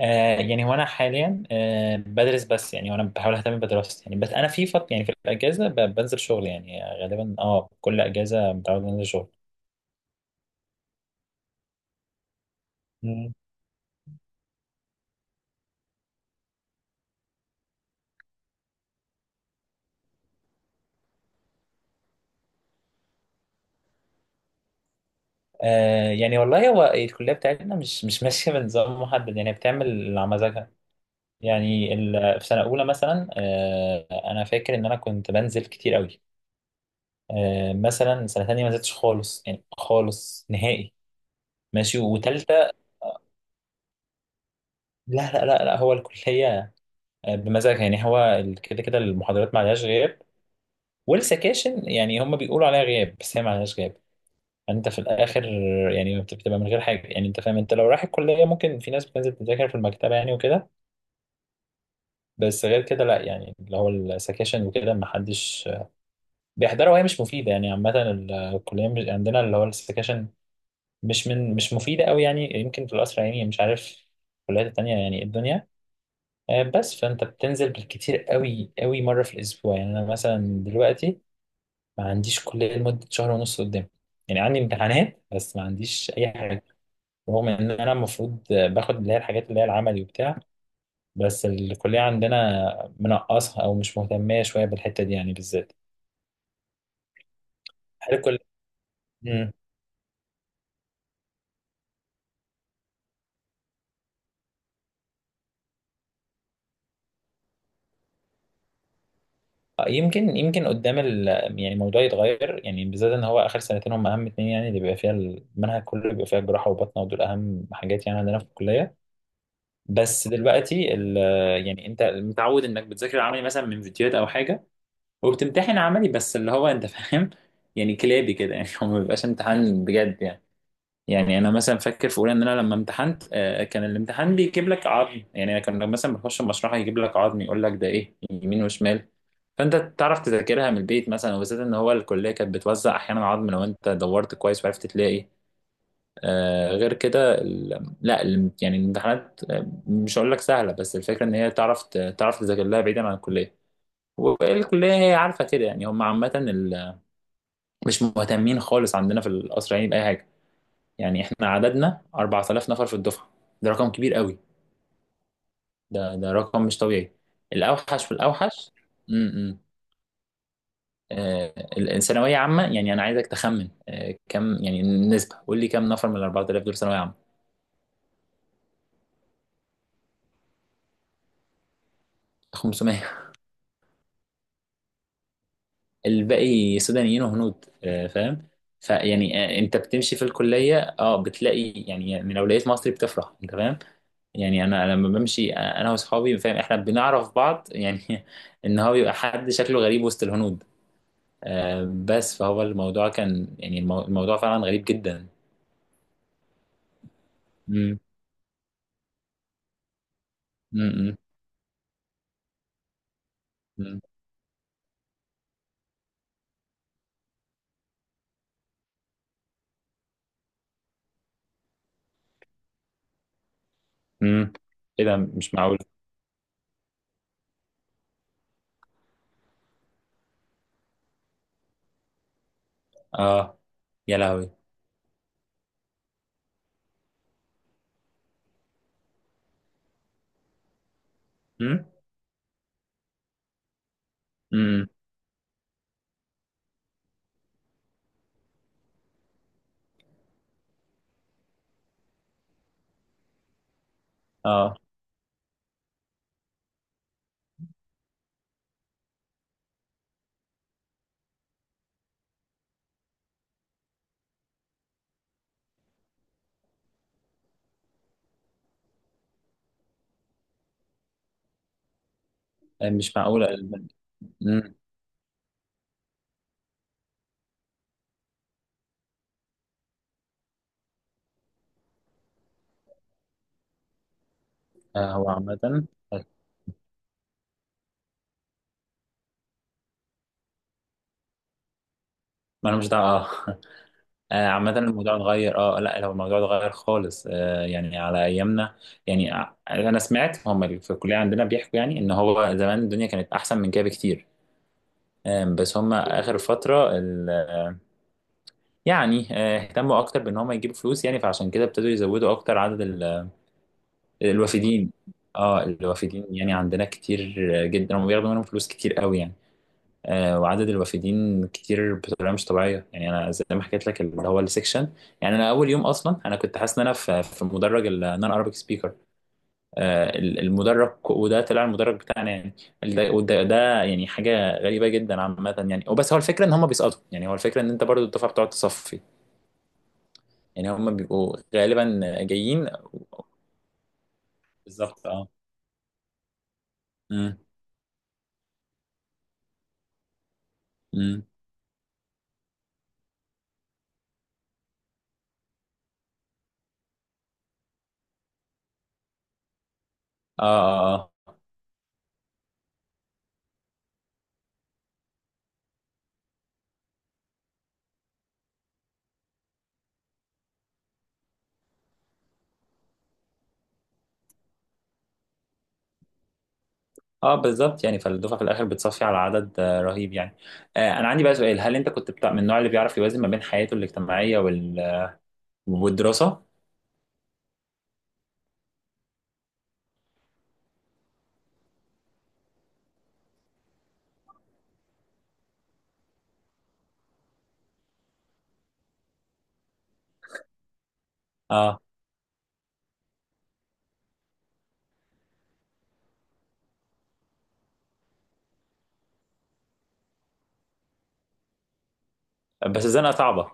يعني هو انا حاليا بدرس بس يعني وانا بحاول اهتم بدراستي، يعني بس انا في فط يعني في الاجازه بنزل شغل، يعني غالبا كل اجازه متعود انزل شغل. مم. يعني والله هو الكليه بتاعتنا مش ماشيه بنظام محدد، يعني بتعمل اللي على مزاجها. يعني في سنه اولى مثلا، انا فاكر ان انا كنت بنزل كتير قوي. مثلا سنه تانية ما نزلتش خالص، يعني خالص نهائي ماشي، وتالتة. لا لا لا لا، هو الكليه بمزاجها، يعني هو كده كده المحاضرات ما عليهاش غياب. والسكاشن يعني هم بيقولوا عليها غياب، بس هي ما عليهاش غياب. يعني انت في الاخر يعني بتبقى من غير حاجه. يعني انت فاهم، انت لو رايح الكليه ممكن في ناس بتنزل تذاكر في المكتبه يعني وكده. بس غير كده لا، يعني اللي هو السكاشن وكده ما حدش بيحضرها وهي مش مفيده. يعني عامه الكليه مش عندنا اللي هو السكاشن، مش مفيده قوي، يعني يمكن في القصر العيني، مش عارف الكليات التانيه يعني إيه الدنيا. بس فانت بتنزل بالكتير قوي قوي مره في الاسبوع. يعني انا مثلا دلوقتي ما عنديش كلية لمدة شهر ونص قدام. يعني عندي امتحانات بس ما عنديش أي حاجة، رغم إن أنا المفروض باخد اللي هي الحاجات اللي هي العملي وبتاع. بس الكلية عندنا منقصها أو مش مهتمة شوية بالحتة دي، يعني بالذات. هل الكلية؟ مم. يمكن قدام يعني الموضوع يتغير، يعني بالذات إن هو آخر سنتين هم أهم اتنين، يعني اللي بيبقى فيها المنهج كله بيبقى فيها جراحة وبطنة، ودول أهم حاجات يعني عندنا في الكلية. بس دلوقتي يعني أنت متعود إنك بتذاكر العملي مثلا من فيديوهات أو حاجة، وبتمتحن عملي، بس اللي هو انت فاهم، يعني كلابي كده، يعني هو ما بيبقاش امتحان بجد يعني. يعني انا مثلا فاكر في اولى ان انا لما امتحنت، كان الامتحان بيجيب لك عظم. يعني انا كان مثلا بخش المشرحه يجيب لك عظم، يقول لك ده ايه، يمين وشمال. فانت تعرف تذاكرها من البيت مثلا، وبالذات ان هو الكليه كانت بتوزع احيانا عظم لو انت دورت كويس وعرفت تلاقي. غير كده لا يعني الامتحانات، مش هقول لك سهله، بس الفكره ان هي تعرف تعرف تذاكر لها بعيدا عن الكليه. والكلية هي عارفة كده، يعني هم عامة مش مهتمين خالص عندنا في القصر العيني بأي حاجة. يعني احنا عددنا 4000 نفر في الدفعة. ده رقم كبير قوي. ده رقم مش طبيعي، الأوحش في الأوحش. امم. الثانوية عامة، يعني أنا عايزك تخمن كم يعني النسبة. قول لي كم نفر من ال 4000 دول ثانوية عامة؟ 500. الباقي سودانيين وهنود، فاهم. فيعني انت بتمشي في الكلية، بتلاقي يعني لو لقيت مصري بتفرح انت فاهم. يعني انا لما بمشي انا واصحابي فاهم، احنا بنعرف بعض يعني. ان هو بيبقى حد شكله غريب وسط الهنود. بس فهو الموضوع كان يعني الموضوع فعلا غريب جدا. امم. امم. امم. أمم. ايه ده مش معقول. اه، يا لهوي. امم. امم. اه، مش معقول. امم. هو عامة، ما انا مش دعوة، اه. عامة الموضوع اتغير، اه، لا لو الموضوع اتغير خالص، يعني على ايامنا. يعني انا سمعت هم اللي في الكلية عندنا بيحكوا يعني ان هو زمان الدنيا كانت احسن من كده بكتير. بس هم اخر فترة يعني اهتموا اكتر بان هم يجيبوا فلوس، يعني فعشان كده ابتدوا يزودوا اكتر عدد الوافدين. اه، الوافدين يعني عندنا كتير جدا، هم بياخدوا منهم فلوس كتير قوي يعني. وعدد الوافدين كتير بطريقه مش طبيعيه. يعني انا زي ما حكيت لك اللي هو السكشن. يعني انا اول يوم اصلا انا كنت حاسس ان انا في مدرج النون عربيك سبيكر المدرج، وده طلع المدرج بتاعنا يعني. وده يعني حاجه غريبه جدا عامه. يعني وبس هو الفكره ان هم بيسقطوا، يعني هو الفكره ان انت برضو الدفعه بتقعد تصفي، يعني هم بيبقوا غالبا جايين. بالظبط، اه. امم. امم. اه، اه، اه، بالظبط. يعني فالدفعه في الاخر بتصفي على عدد رهيب يعني. انا عندي بقى سؤال، هل انت كنت بتاع من النوع اللي بيعرف يوازن ما بين حياته الاجتماعيه والدراسه؟ اه، بس الزنقه صعبه.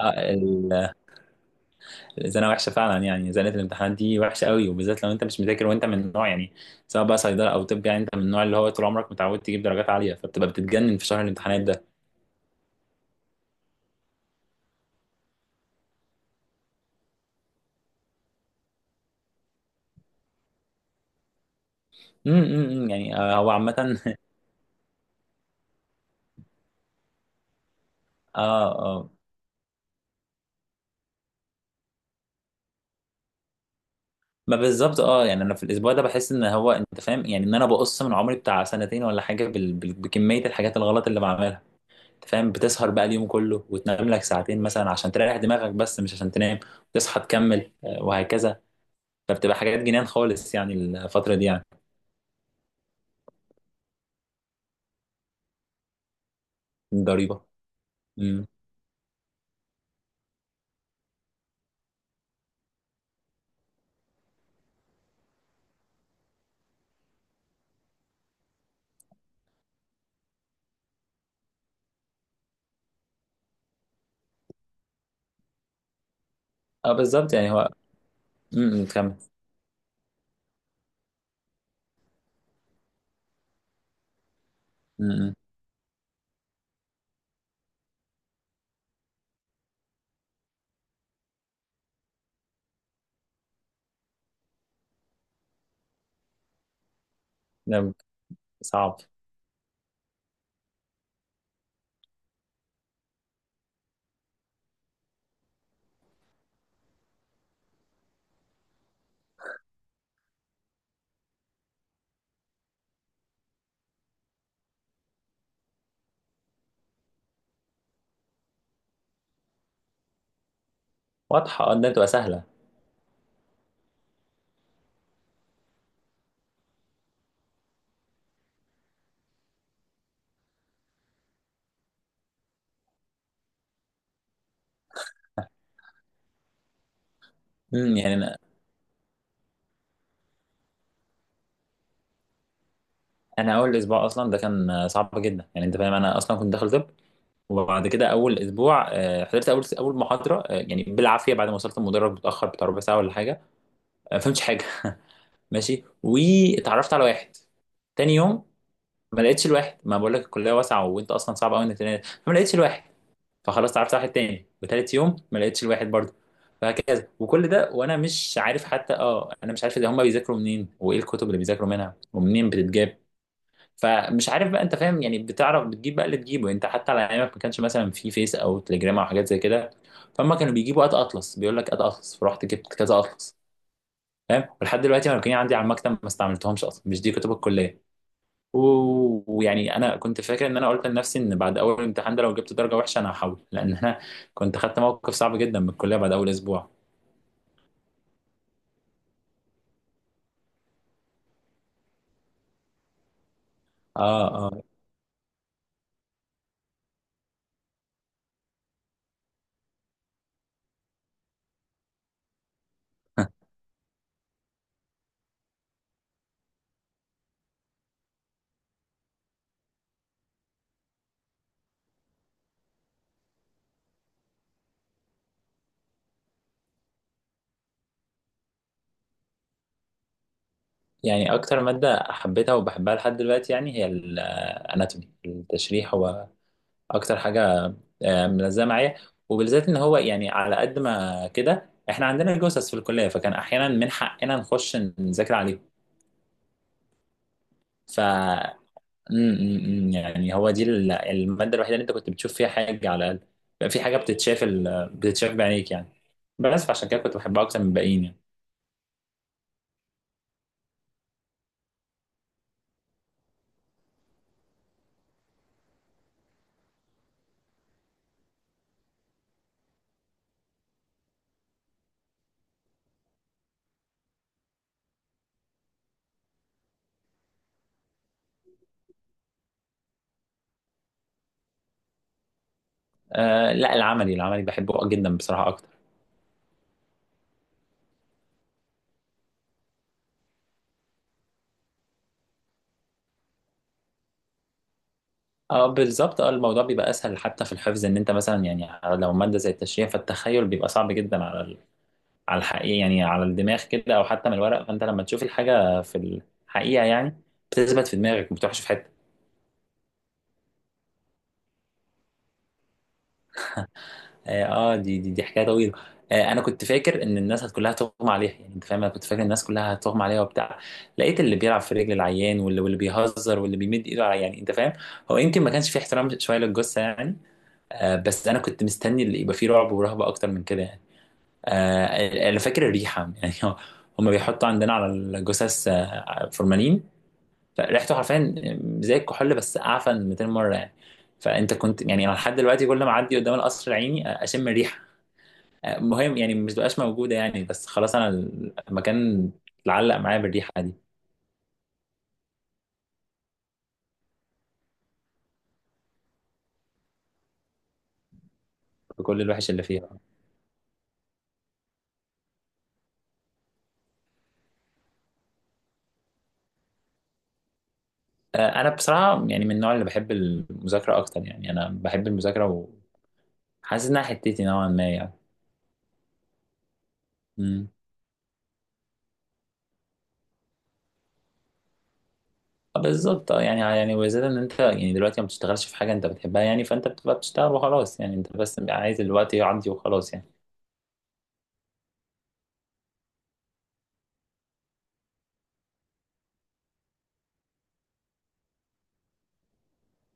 آه ال- الزنقه وحشه فعلا، يعني زنقه الامتحانات دي وحشه قوي، وبالذات لو انت مش مذاكر وانت من النوع يعني سواء بقى صيدله او طب، يعني انت من النوع اللي هو طول عمرك متعود تجيب درجات عاليه، فبتبقى بتتجنن في شهر الامتحانات ده. امم. يعني هو عامه اه، اه، ما بالظبط، يعني انا في الاسبوع ده بحس ان هو انت فاهم، يعني ان انا بقص من عمري بتاع سنتين ولا حاجه بكميه الحاجات الغلط اللي بعملها. انت فاهم، بتسهر بقى اليوم كله وتنام لك ساعتين مثلا عشان تريح دماغك، بس مش عشان تنام، وتصحى تكمل وهكذا. فبتبقى حاجات جنان خالص يعني الفتره دي يعني. ضريبه. امم. اه، بالظبط، يعني هو. امم، تكمل. امم. ده صعب. واضحه، اه. ده بتبقى سهله. امم. يعني انا اول اسبوع اصلا ده كان صعب جدا، يعني انت فاهم انا اصلا كنت داخل طب. وبعد كده اول اسبوع حضرت اول محاضره، يعني بالعافيه بعد ما وصلت المدرج متاخر بتاع ربع ساعه ولا حاجه. ما فهمتش حاجه ماشي، واتعرفت على واحد. تاني يوم ما لقيتش الواحد، ما بقول لك الكليه واسعه وانت اصلا صعب قوي انك تلاقي، فما لقيتش الواحد. فخلاص اتعرفت على واحد تاني، وتالت يوم ما لقيتش الواحد برضه. فهكذا، وكل ده وانا مش عارف حتى، انا مش عارف اذا هم بيذاكروا منين وايه الكتب اللي بيذاكروا منها ومنين بتتجاب، فمش عارف بقى انت فاهم، يعني بتعرف بتجيب بقى اللي تجيبه. يعني انت حتى على ايامك ما كانش مثلا في فيس او تليجرام او حاجات زي كده. فهم كانوا بيجيبوا قد اطلس، بيقول لك قد اطلس، فرحت جبت كذا اطلس، فاهم. ولحد دلوقتي انا كان عندي على المكتب، ما استعملتهمش اصلا، مش دي كتب الكليه. ويعني انا كنت فاكر ان انا قلت لنفسي ان بعد اول امتحان ده لو جبت درجه وحشه انا هحول، لان انا كنت خدت موقف صعب جدا من الكليه بعد اول اسبوع. اه، اه، يعني اكتر ماده حبيتها وبحبها لحد دلوقتي يعني هي الاناتومي التشريح، اكتر حاجه ملزمه معايا. وبالذات ان هو يعني على قد ما كده احنا عندنا جثث في الكليه، فكان احيانا من حقنا نخش نذاكر عليهم. ف م- م- م، يعني هو دي الماده الوحيده اللي انت كنت بتشوف فيها حاجه على الاقل، بقى في حاجه بتتشاف، بتتشاف بعينيك يعني، بس فعشان كده كنت بحبها اكتر من الباقيين يعني. آه، لا، العملي العملي بحبه جدا بصراحه اكتر. اه، بالظبط، الموضوع بيبقى اسهل حتى في الحفظ، ان انت مثلا يعني لو ماده زي التشريح فالتخيل بيبقى صعب جدا على الحقيقة، يعني على الدماغ كده أو حتى من الورق. فأنت لما تشوف الحاجة في الحقيقة يعني بتثبت في دماغك وما بتروحش في حتة. دي حكاية طويلة. أنا كنت فاكر إن الناس كلها هتغمى عليها، يعني أنت فاهم أنا كنت فاكر الناس كلها هتغمى عليها وبتاع. لقيت اللي بيلعب في رجل العيان واللي بيهزر واللي بيمد إيده على-، يعني أنت فاهم. هو يمكن ما كانش فيه احترام شوية للجثة يعني. بس أنا كنت مستني اللي يبقى فيه رعب ورهبة أكتر من كده يعني. أنا فاكر الريحة، يعني هما بيحطوا عندنا على الجثث فورمالين. فريحته حرفيا زي الكحول بس اعفن 200 مره يعني. فانت كنت يعني، انا لحد دلوقتي كل ما اعدي قدام القصر العيني اشم الريحه. مهم يعني مش بقاش موجوده، يعني بس خلاص انا المكان اتعلق معايا بالريحه دي، بكل الوحش اللي فيها. انا بصراحه يعني من النوع اللي بحب المذاكره اكتر، يعني انا بحب المذاكره وحاسس انها حتتي نوعا ما يعني. امم. آه، بالظبط. يعني وزيادة ان انت يعني دلوقتي ما بتشتغلش في حاجه انت بتحبها، يعني فانت بتبقى بتشتغل وخلاص، يعني انت بس عايز الوقت يعدي وخلاص يعني.